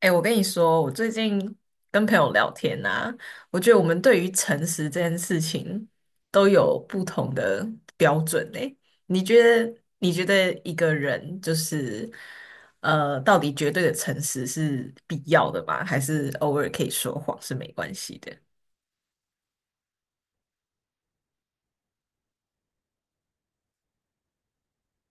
哎，我跟你说，我最近跟朋友聊天啊，我觉得我们对于诚实这件事情都有不同的标准诶。你觉得一个人到底绝对的诚实是必要的吗？还是偶尔可以说谎是没关系的？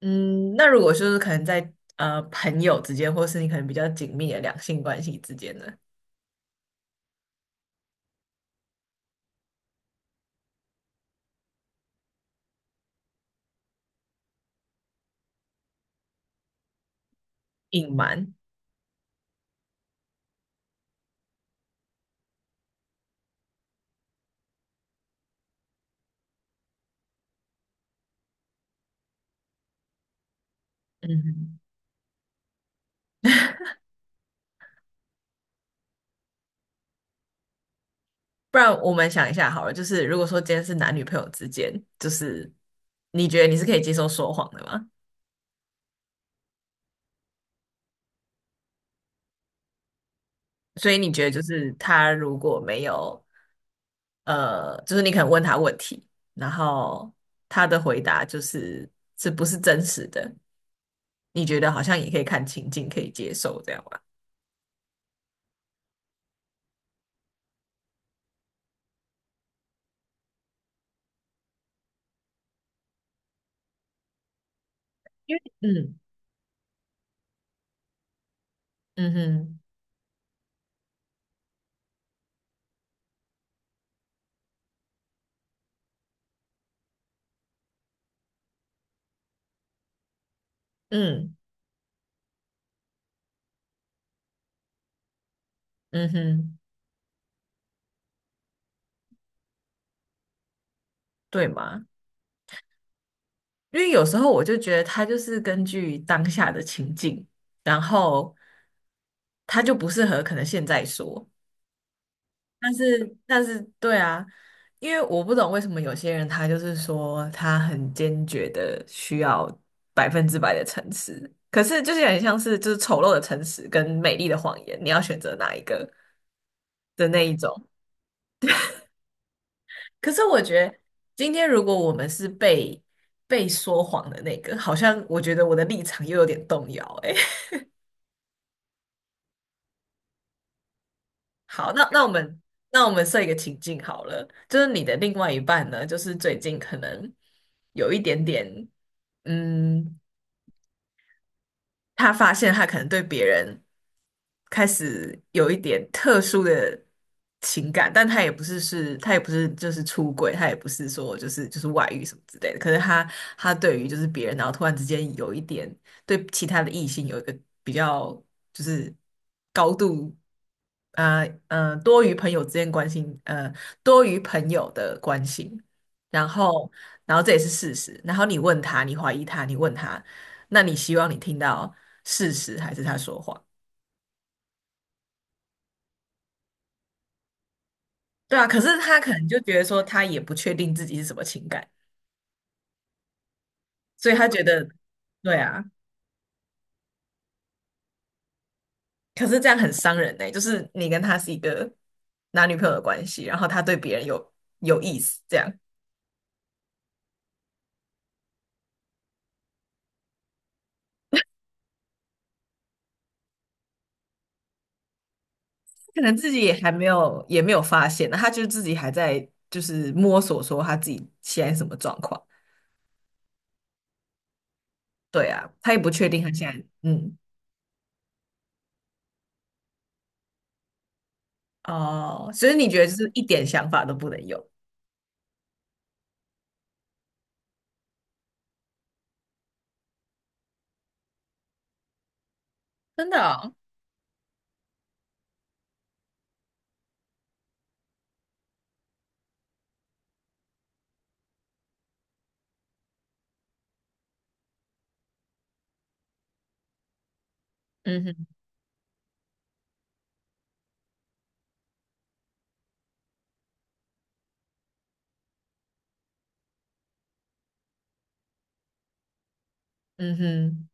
嗯，那如果就是可能在朋友之间，或是你可能比较紧密的两性关系之间呢，隐瞒，嗯哼。不然我们想一下好了，就是如果说今天是男女朋友之间，就是你觉得你是可以接受说谎的吗？所以你觉得就是他如果没有，呃，就是你可能问他问题，然后他的回答就是是不是真实的，你觉得好像也可以看情境可以接受这样吧？嗯嗯哼，嗯嗯哼，对吗？因为有时候我就觉得他就是根据当下的情境，然后他就不适合可能现在说，但是对啊，因为我不懂为什么有些人他就是说他很坚决的需要百分之百的诚实，可是就是很像是就是丑陋的诚实跟美丽的谎言，你要选择哪一个的那一种。可是我觉得，今天如果我们是被说谎的那个，好像我觉得我的立场又有点动摇。哎，好，那我们设一个情境好了，就是你的另外一半呢，就是最近可能有一点点，嗯，他发现他可能对别人开始有一点特殊的情感，但他也不是是，他也不是就是出轨，他也不是说就是外遇什么之类的。可是他对于就是别人，然后突然之间有一点对其他的异性有一个比较就是高度。多于朋友之间关心，多于朋友的关心，然后，然后这也是事实。然后你问他，你怀疑他，你问他，那你希望你听到事实还是他说谎？对啊，可是他可能就觉得说他也不确定自己是什么情感，所以他觉得，对啊，可是这样很伤人呢、就是你跟他是一个男女朋友的关系，然后他对别人有有意思，这样可能自己也还没有也没有发现呢，他就自己还在就是摸索说他自己现在什么状况，对啊，他也不确定他现在嗯哦，所以你觉得就是一点想法都不能有，真的哦嗯哼，嗯哼。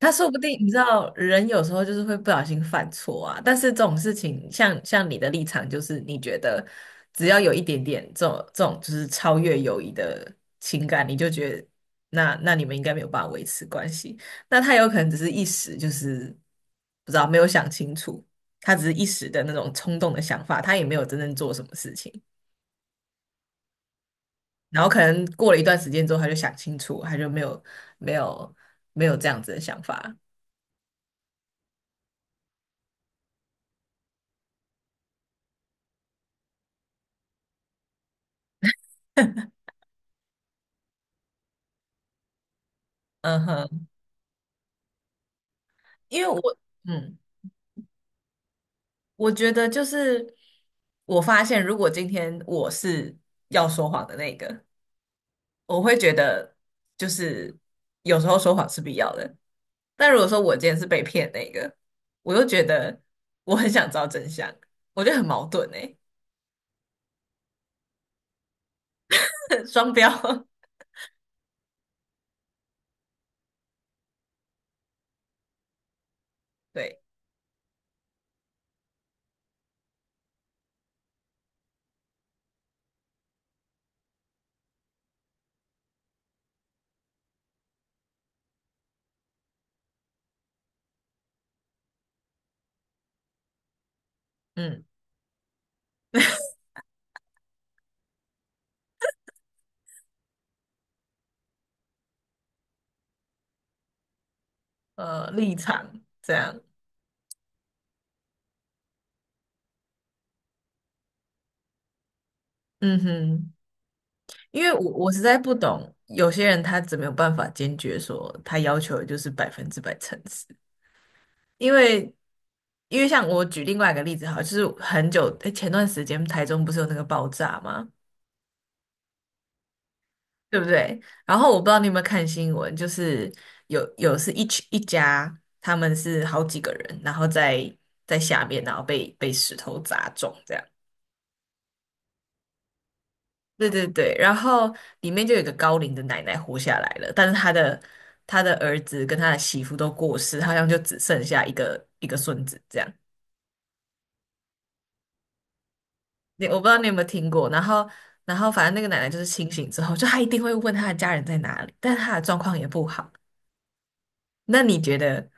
他说不定你知道，人有时候就是会不小心犯错啊。但是这种事情，像你的立场，就是你觉得只要有一点点这种就是超越友谊的情感，你就觉得那你们应该没有办法维持关系。那他有可能只是一时就是不知道没有想清楚，他只是一时的那种冲动的想法，他也没有真正做什么事情。然后可能过了一段时间之后，他就想清楚，他就没有没有这样子的想法。嗯哼。因为我，嗯，我觉得就是我发现，如果今天我是要说谎的那个，我会觉得就是有时候说谎是必要的。但如果说我今天是被骗那个，我又觉得我很想知道真相，我觉得很矛盾诶，双标。对，嗯，立场这样，嗯哼，因为我实在不懂，有些人他怎么有办法坚决说他要求的就是百分之百诚实。因为因为像我举另外一个例子好了就是很久，诶前段时间台中不是有那个爆炸吗？对不对？然后我不知道你有没有看新闻，就是有是一群一家，他们是好几个人，然后在下面，然后被石头砸中这样。对对对，然后里面就有一个高龄的奶奶活下来了，但是她的儿子跟她的媳妇都过世，好像就只剩下一个孙子这样。你我不知道你有没有听过，然后反正那个奶奶就是清醒之后，就她一定会问她的家人在哪里，但她的状况也不好。那你觉得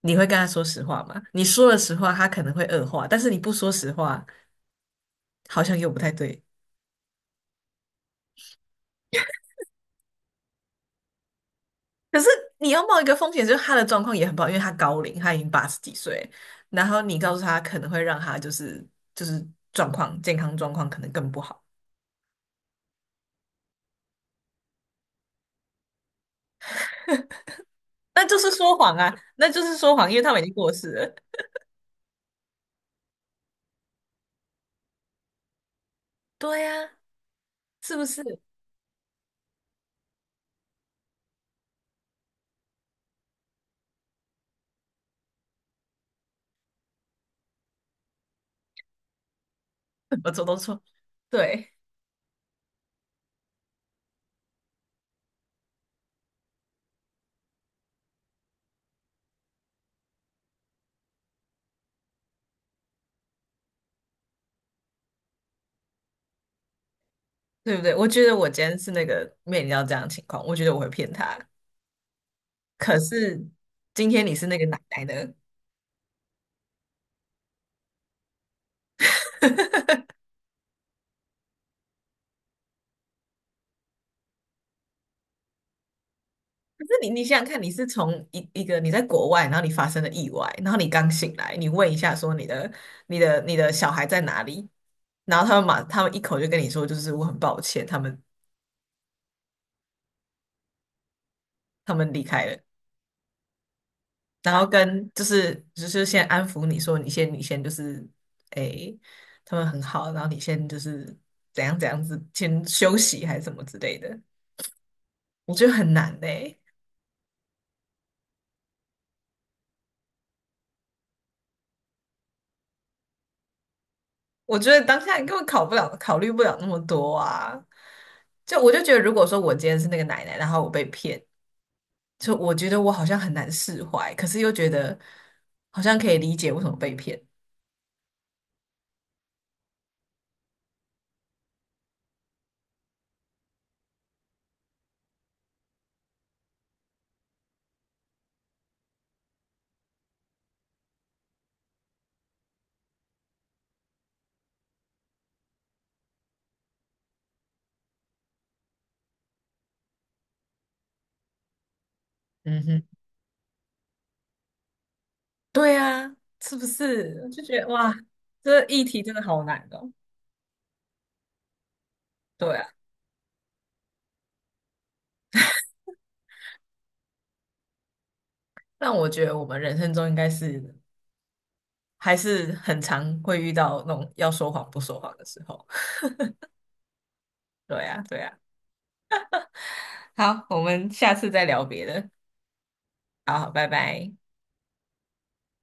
你会跟她说实话吗？你说了实话，她可能会恶化，但是你不说实话，好像又不太对。可是你要冒一个风险，就是她的状况也很不好，因为她高龄，她已经八十几岁，然后你告诉她可能会让她就是状况健康状况可能更不好，那就是说谎啊，那就是说谎，因为他们已经过世了。对呀、是不是？我做都错，对对不对？我觉得我今天是那个面临到这样的情况，我觉得我会骗他。可是今天你是那个奶奶的，可是你你想想看，你是从一个你在国外，然后你发生了意外，然后你刚醒来，你问一下说你的小孩在哪里，然后他们一口就跟你说，就是我很抱歉，他们离开了，然后跟就是先安抚你说你先就是诶，他们很好，然后你先就是怎样怎样子先休息还是什么之类的，我觉得很难嘞、我觉得当下你根本考不了，考虑不了那么多啊。就我就觉得，如果说我今天是那个奶奶，然后我被骗，就我觉得我好像很难释怀，可是又觉得好像可以理解为什么被骗。嗯哼，对啊，是不是？我就觉得哇，这议题真的好难哦。对啊。但我觉得我们人生中应该是还是很常会遇到那种要说谎不说谎的时候。对呀，对呀。好，我们下次再聊别的。好，拜拜。